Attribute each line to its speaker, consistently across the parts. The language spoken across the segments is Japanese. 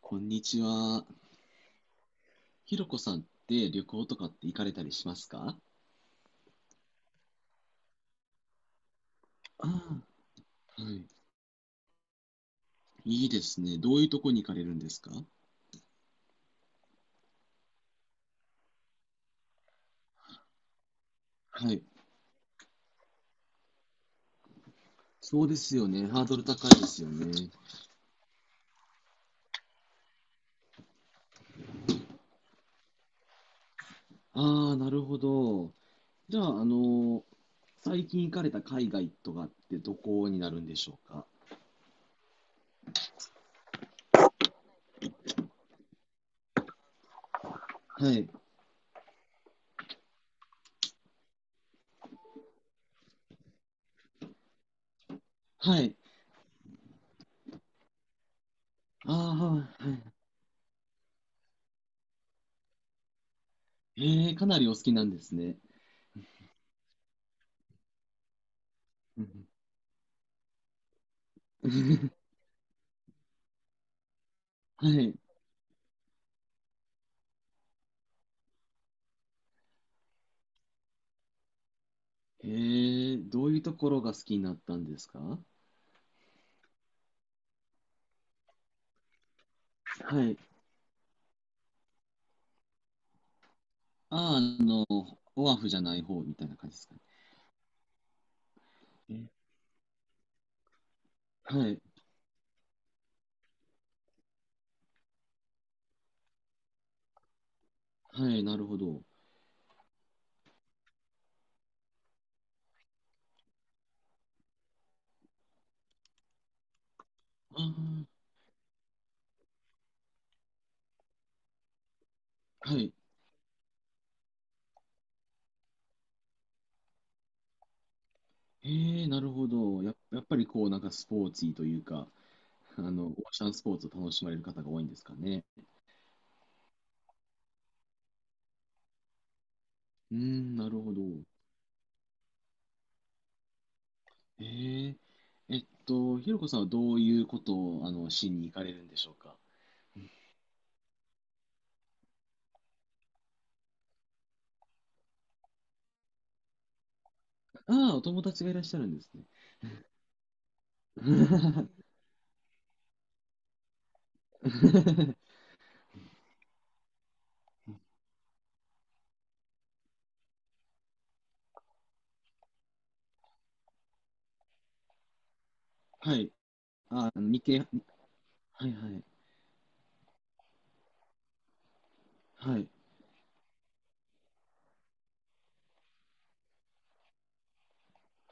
Speaker 1: こんにちは。ひろこさんって旅行とかって行かれたりしますか？ああ、はい。いいですね。どういうとこに行かれるんですか？はい。そうですよね。ハードル高いですよね。ああ、なるほど。じゃあ、最近行かれた海外とかってどこになるんでしょうか？はい。はい。ああ、はい。はい。ええ、かなりお好きなんですね。うん うん。はい。ええ、どういうところが好きになったんですか？はい。ああ、オアフじゃない方みたいな感じですかね。はい、はい、なるほど。あーはい。なるほど。やっぱりこう、なんかスポーツというか、オーシャンスポーツを楽しまれる方が多いんですかね。うーん、なるほど。ええ、ひろこさんはどういうことを、しに行かれるんでしょうか。ああ、お友達がいらっしゃるんですね。はい。あ、あの日系、はいはい。はい。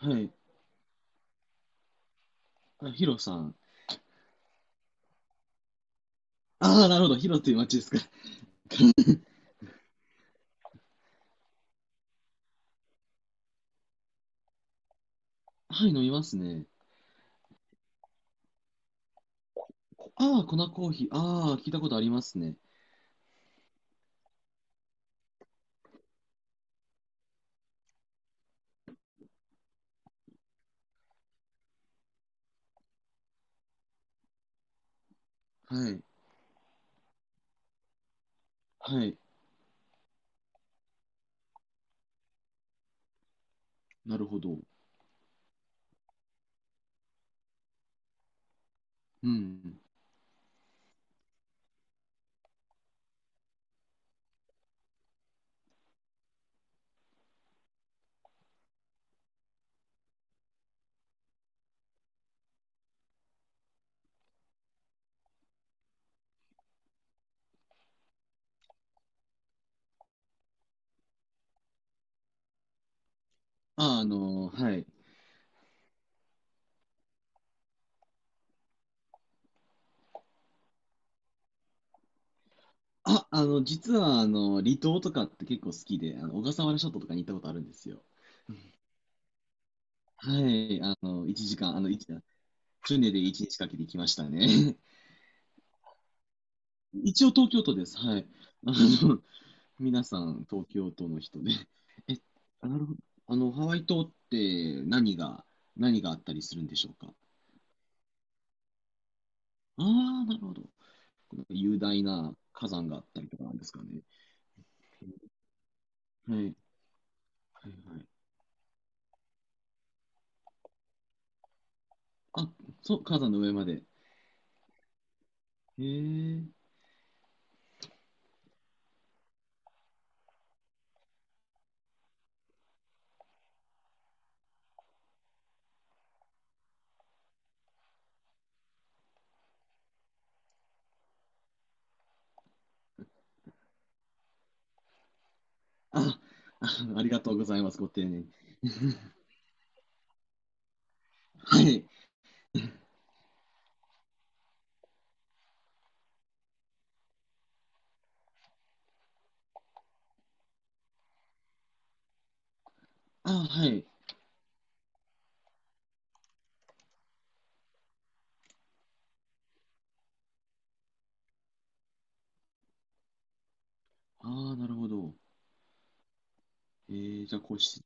Speaker 1: はい。あ、ヒロさん。ああ、なるほど。ヒロという町ですか。はい、飲みますね。ああ、粉コーヒー。ああ、聞いたことありますね。はい。はい。なるほど。うん。ああ、はい。あ、実は、離島とかって結構好きで、小笠原諸島とかに行ったことあるんですよ。はい。1時間、船で1日かけて行きましたね。一応東京都です。はい。あの、皆さん、東京都の人で。え、なるほど。ハワイ島って何があったりするんでしょうか？ああ、なるほど。なんか雄大な火山があったりとかなんですかね。はい。はいはい。あ、そう、火山の上まで。へえ。あ、あ、ありがとうございます。ご丁寧に。はい。あ、はい。ああ、なるほど。じゃあ、こうし、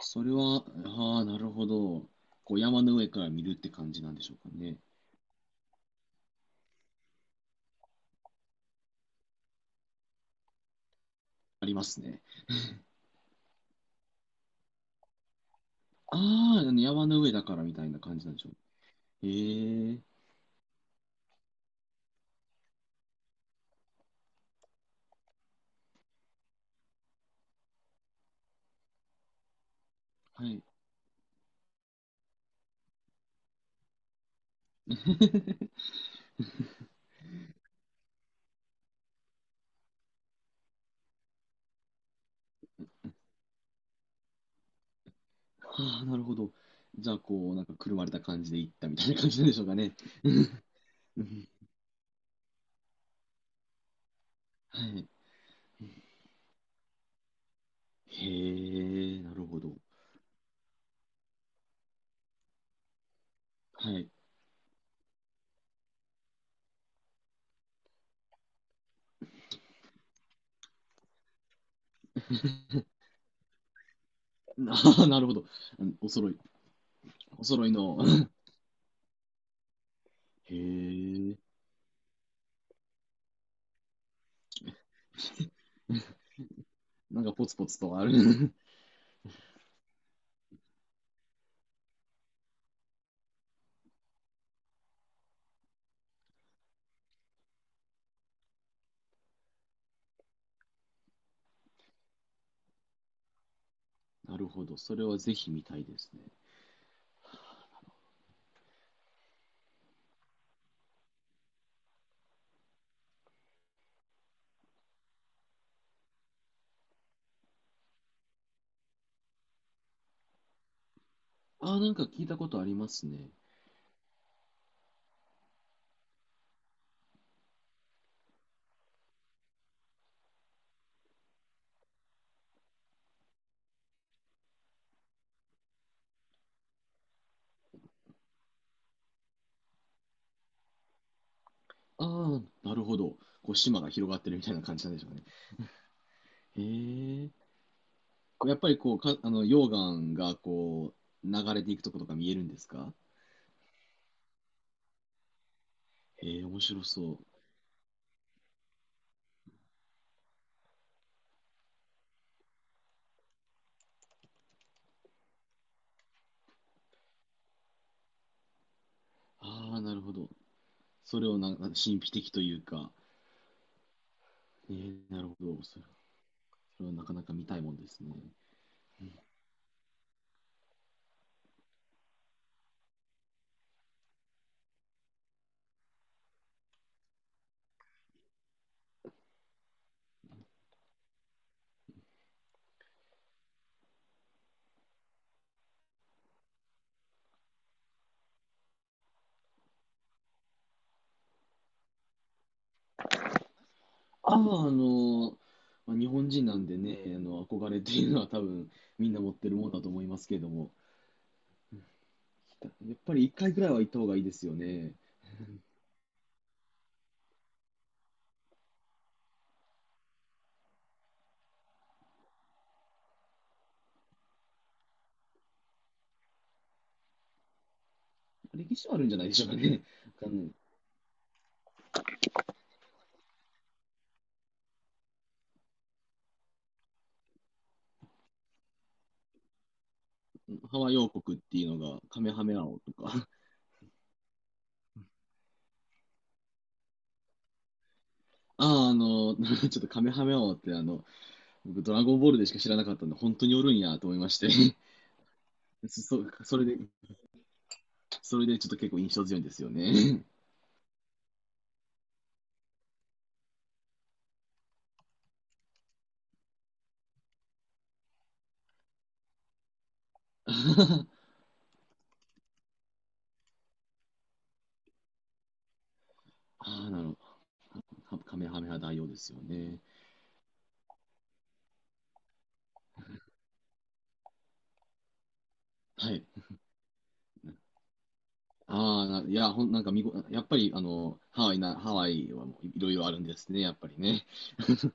Speaker 1: それは、ああ、なるほど。こう、山の上から見るって感じなんでしょうかね？ありますね。ああ、山の上だからみたいな感じなんでしょう。へえ。はい。ああ、なるほど。じゃあ、こう、なんか、くるまれた感じで行ったみたいな感じなんでしょうかね？うん、うん、はい。へえ、なるほど。はい。ああ、なるほど。うん、お揃いの。へえ、なんか、ポツポツとある。なるほど。それはぜひ見たいですね。ああ、なんか聞いたことありますね。ああ、なるほど。こう、島が広がってるみたいな感じなんでしょうかね？へえ。こうやっぱりこう、溶岩がこう、流れていくとことか見えるんですか？へえ、面白そう。ああ、なるほど。それをな神秘的というか、なるほどそれ。それはなかなか見たいもんですね。ああ、の、まあ、日本人なんでね、あの憧れっていうのは多分みんな持ってるもんだと思いますけれども、やっぱり一回ぐらいは行った方がいいですよね。歴史はあるんじゃないでしょうかね。あのハワイ王国っていうのがカメハメアオとか。ああ、ちょっとカメハメアオって僕ドラゴンボールでしか知らなかったんで、本当におるんやと思いまして。そ、それでそれでちょっと結構印象強いんですよね。ああ、なるほど。カメハメハ大王ですよね。はい。ああ、いや、なんかやっぱり、ハワイはもういろいろあるんですね、やっぱりね。